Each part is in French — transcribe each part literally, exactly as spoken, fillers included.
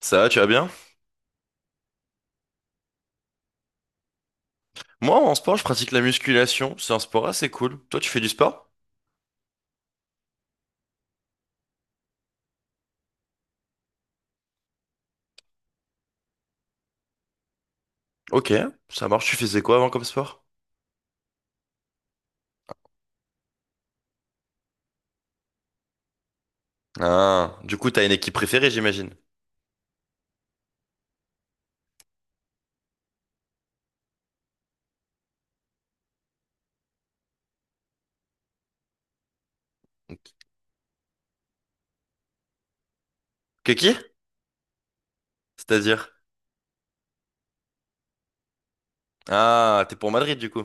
Ça va, tu vas bien? Moi, en sport, je pratique la musculation. C'est un sport assez cool. Toi, tu fais du sport? Ok, ça marche. Tu faisais quoi avant comme sport? Ah, du coup, t'as une équipe préférée, j'imagine. Que qui? C'est-à-dire? Ah, t'es pour Madrid, du coup.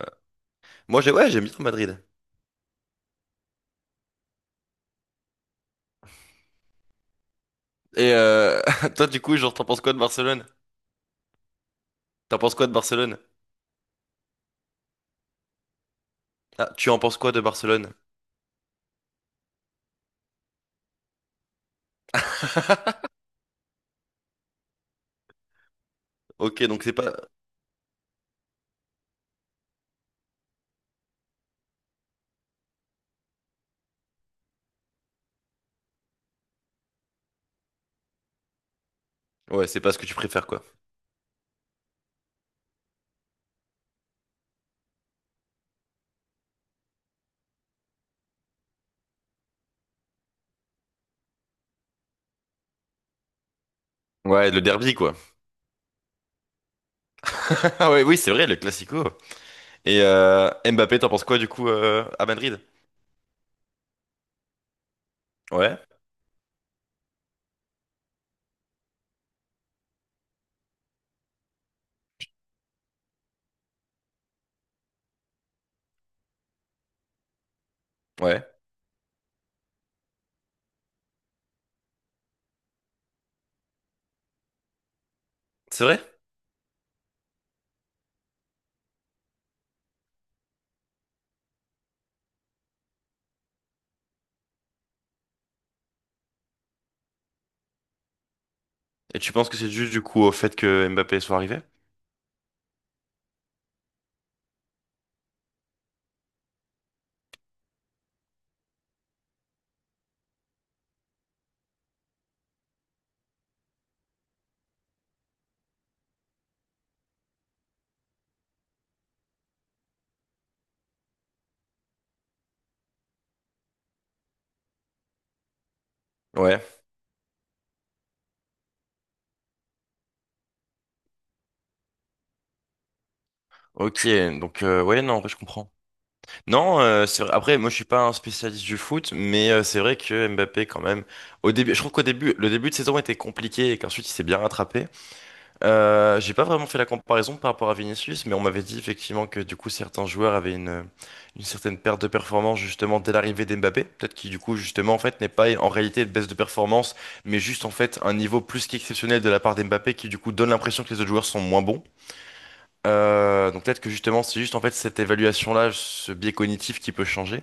Ouais. Moi, j'ai, ouais, j'aime bien Madrid. Et euh, toi, du coup, genre, t'en penses quoi de Barcelone? T'en penses quoi de Barcelone? Ah, tu en penses quoi de Barcelone? Ok, donc c'est pas, ouais, c'est pas ce que tu préfères, quoi. Ouais, le derby, quoi. Ah ouais, oui, c'est vrai, le classico. Et euh, Mbappé, t'en penses quoi, du coup, euh, à Madrid? Ouais, ouais, c'est vrai? Et tu penses que c'est dû du coup au fait que Mbappé soit arrivé? Ouais. Ok, donc euh, ouais, non, en vrai, je comprends. Non, euh, c'est vrai. Après, moi, je suis pas un spécialiste du foot, mais euh, c'est vrai que Mbappé, quand même, au début, je trouve qu'au début, le début de saison était compliqué et qu'ensuite il s'est bien rattrapé. Euh, j'ai pas vraiment fait la comparaison par rapport à Vinicius, mais on m'avait dit effectivement que du coup certains joueurs avaient une, une certaine perte de performance justement dès l'arrivée d'Mbappé. Peut-être qu'il du coup justement en fait n'est pas en réalité une baisse de performance, mais juste en fait un niveau plus qu'exceptionnel de la part d'Mbappé qui du coup donne l'impression que les autres joueurs sont moins bons. Euh, donc peut-être que justement c'est juste en fait cette évaluation-là, ce biais cognitif qui peut changer.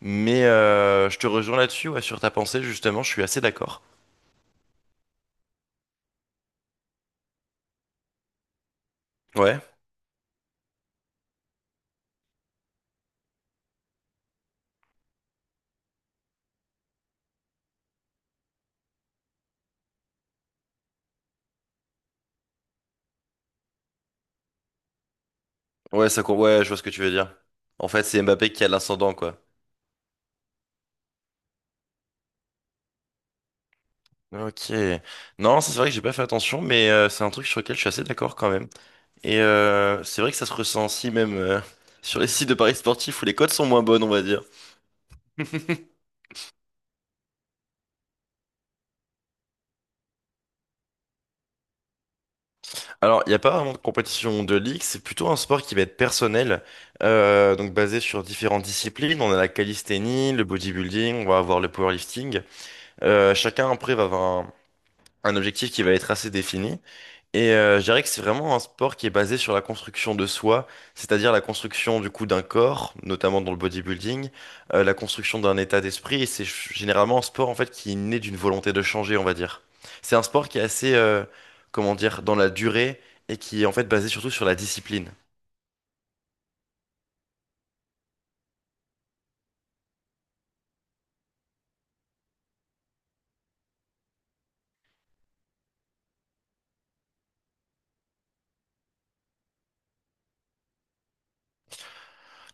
Mais euh, je te rejoins là-dessus, ouais, sur ta pensée justement, je suis assez d'accord. Ouais, ouais, ça, co- ouais, je vois ce que tu veux dire. En fait c'est Mbappé qui a l'ascendant quoi. Ok. Non, c'est vrai que j'ai pas fait attention, mais euh, c'est un truc sur lequel je suis assez d'accord quand même. Et euh, c'est vrai que ça se ressent aussi même euh, sur les sites de paris sportifs où les cotes sont moins bonnes, on va dire. Alors, il n'y a pas vraiment de compétition de ligue, c'est plutôt un sport qui va être personnel, euh, donc basé sur différentes disciplines. On a la calisthénie, le bodybuilding, on va avoir le powerlifting. Euh, chacun après va avoir un, un objectif qui va être assez défini. Et euh, je dirais que c'est vraiment un sport qui est basé sur la construction de soi, c'est-à-dire la construction du coup d'un corps, notamment dans le bodybuilding, euh, la construction d'un état d'esprit. Et c'est ch- généralement un sport en fait qui naît d'une volonté de changer, on va dire. C'est un sport qui est assez, euh, comment dire, dans la durée et qui est en fait basé surtout sur la discipline.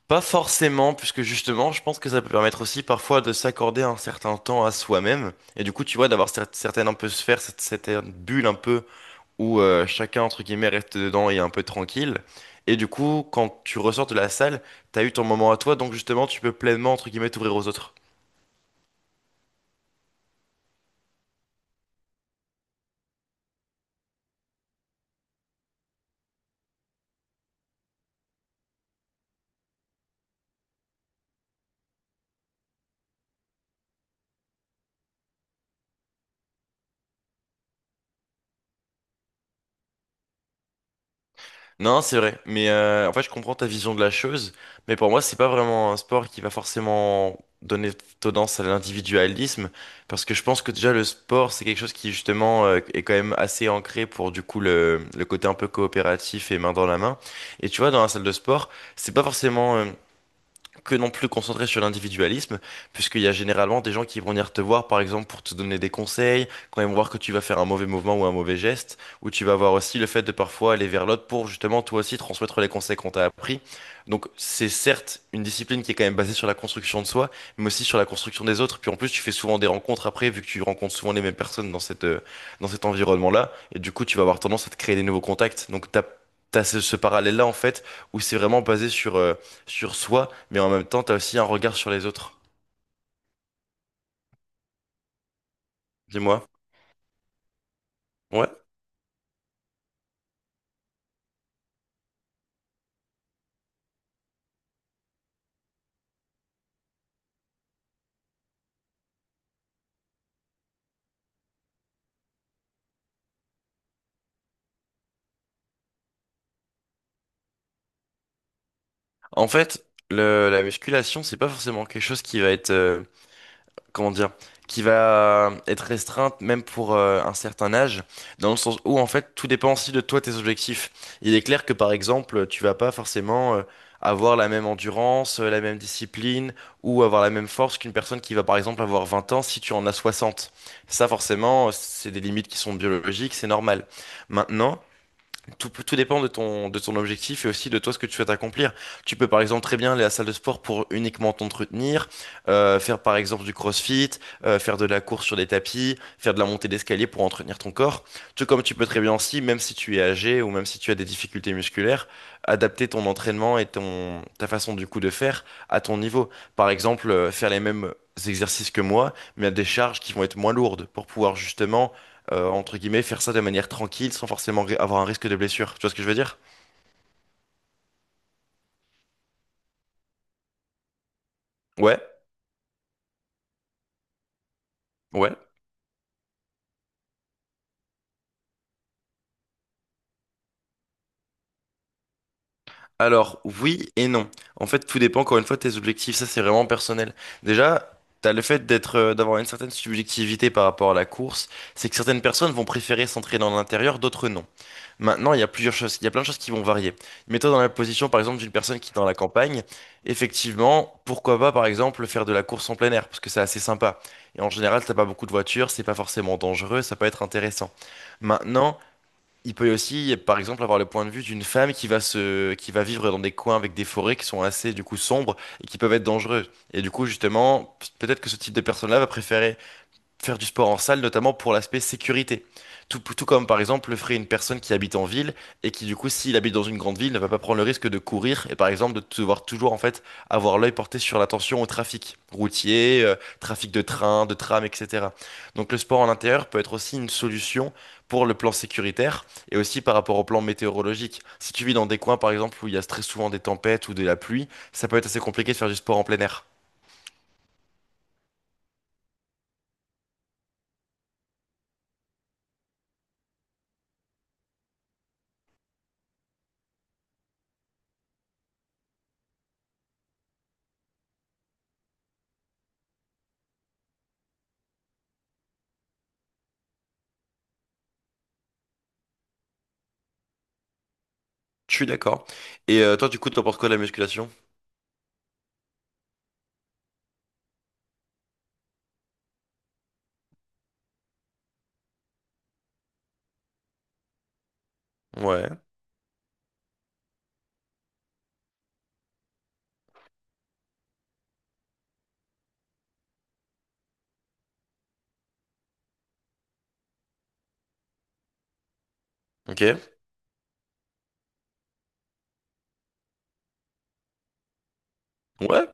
Pas forcément, puisque justement, je pense que ça peut permettre aussi parfois de s'accorder un certain temps à soi-même. Et du coup, tu vois, d'avoir cer- certaines un peu sphères, cette, cette bulle un peu où euh, chacun, entre guillemets, reste dedans et est un peu tranquille. Et du coup, quand tu ressors de la salle, t'as eu ton moment à toi, donc justement, tu peux pleinement, entre guillemets, t'ouvrir aux autres. Non, c'est vrai, mais euh, en fait, je comprends ta vision de la chose, mais pour moi, c'est pas vraiment un sport qui va forcément donner tendance à l'individualisme, parce que je pense que déjà, le sport, c'est quelque chose qui, justement, euh, est quand même assez ancré pour, du coup, le, le côté un peu coopératif et main dans la main. Et tu vois, dans la salle de sport, c'est pas forcément euh, que non plus concentré sur l'individualisme, puisqu'il y a généralement des gens qui vont venir te voir, par exemple, pour te donner des conseils, quand ils vont voir que tu vas faire un mauvais mouvement ou un mauvais geste, ou tu vas voir aussi le fait de parfois aller vers l'autre pour justement toi aussi transmettre les conseils qu'on t'a appris. Donc c'est certes une discipline qui est quand même basée sur la construction de soi, mais aussi sur la construction des autres. Puis en plus, tu fais souvent des rencontres après, vu que tu rencontres souvent les mêmes personnes dans cette, euh, dans cet environnement-là, et du coup, tu vas avoir tendance à te créer des nouveaux contacts. Donc t'as, t'as ce, ce parallèle-là, en fait, où c'est vraiment basé sur euh, sur soi, mais en même temps, t'as aussi un regard sur les autres. Dis-moi. Ouais. En fait, le, la musculation, c'est pas forcément quelque chose qui va être, euh, comment dire, qui va être restreinte même pour euh, un certain âge, dans le sens où en fait, tout dépend aussi de toi, tes objectifs. Il est clair que par exemple, tu vas pas forcément euh, avoir la même endurance, euh, la même discipline, ou avoir la même force qu'une personne qui va par exemple avoir vingt ans si tu en as soixante. Ça, forcément, c'est des limites qui sont biologiques, c'est normal. Maintenant, tout, tout dépend de ton, de ton objectif et aussi de toi ce que tu souhaites accomplir. Tu peux par exemple très bien aller à la salle de sport pour uniquement t'entretenir, euh, faire par exemple du crossfit, euh, faire de la course sur des tapis, faire de la montée d'escalier pour entretenir ton corps. Tout comme tu peux très bien aussi, même si tu es âgé ou même si tu as des difficultés musculaires, adapter ton entraînement et ton, ta façon du coup de faire à ton niveau. Par exemple, euh, faire les mêmes exercices que moi, mais à des charges qui vont être moins lourdes pour pouvoir justement euh, entre guillemets, faire ça de manière tranquille sans forcément ri- avoir un risque de blessure. Tu vois ce que je veux dire? Ouais, ouais. Alors, oui et non. En fait, tout dépend encore une fois de tes objectifs. Ça, c'est vraiment personnel. Déjà, t'as le fait d'être, euh, d'avoir une certaine subjectivité par rapport à la course. C'est que certaines personnes vont préférer s'entraîner en intérieur, d'autres non. Maintenant, il y a plusieurs choses, il y a plein de choses qui vont varier. Mets-toi dans la position, par exemple, d'une personne qui est dans la campagne. Effectivement, pourquoi pas, par exemple, faire de la course en plein air, parce que c'est assez sympa. Et en général, t'as pas beaucoup de voitures, c'est pas forcément dangereux, ça peut être intéressant. Maintenant, il peut aussi, par exemple, avoir le point de vue d'une femme qui va se, qui va vivre dans des coins avec des forêts qui sont assez, du coup, sombres et qui peuvent être dangereux. Et du coup, justement, peut-être que ce type de personne-là va préférer faire du sport en salle, notamment pour l'aspect sécurité. Tout, tout comme par exemple le ferait une personne qui habite en ville et qui du coup s'il habite dans une grande ville ne va pas prendre le risque de courir et par exemple de devoir toujours en fait avoir l'œil porté sur l'attention au trafic routier, euh, trafic de train, de tram, et cetera. Donc le sport en intérieur peut être aussi une solution pour le plan sécuritaire et aussi par rapport au plan météorologique. Si tu vis dans des coins par exemple où il y a très souvent des tempêtes ou de la pluie, ça peut être assez compliqué de faire du sport en plein air. Je suis d'accord. Et euh, toi du coup t'en penses quoi de la musculation? Ouais. Ok, ouais,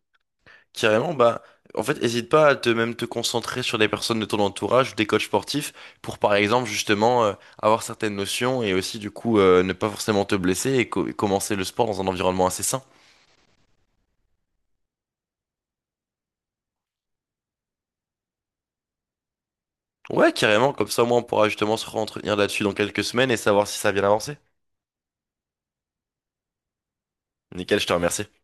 carrément, bah, en fait, hésite pas à te même te concentrer sur des personnes de ton entourage ou des coachs sportifs pour, par exemple, justement, euh, avoir certaines notions et aussi, du coup, euh, ne pas forcément te blesser et co- et commencer le sport dans un environnement assez sain. Ouais, carrément, comme ça, au moins, on pourra justement se re-entretenir là-dessus dans quelques semaines et savoir si ça a bien avancé. Nickel, je te remercie.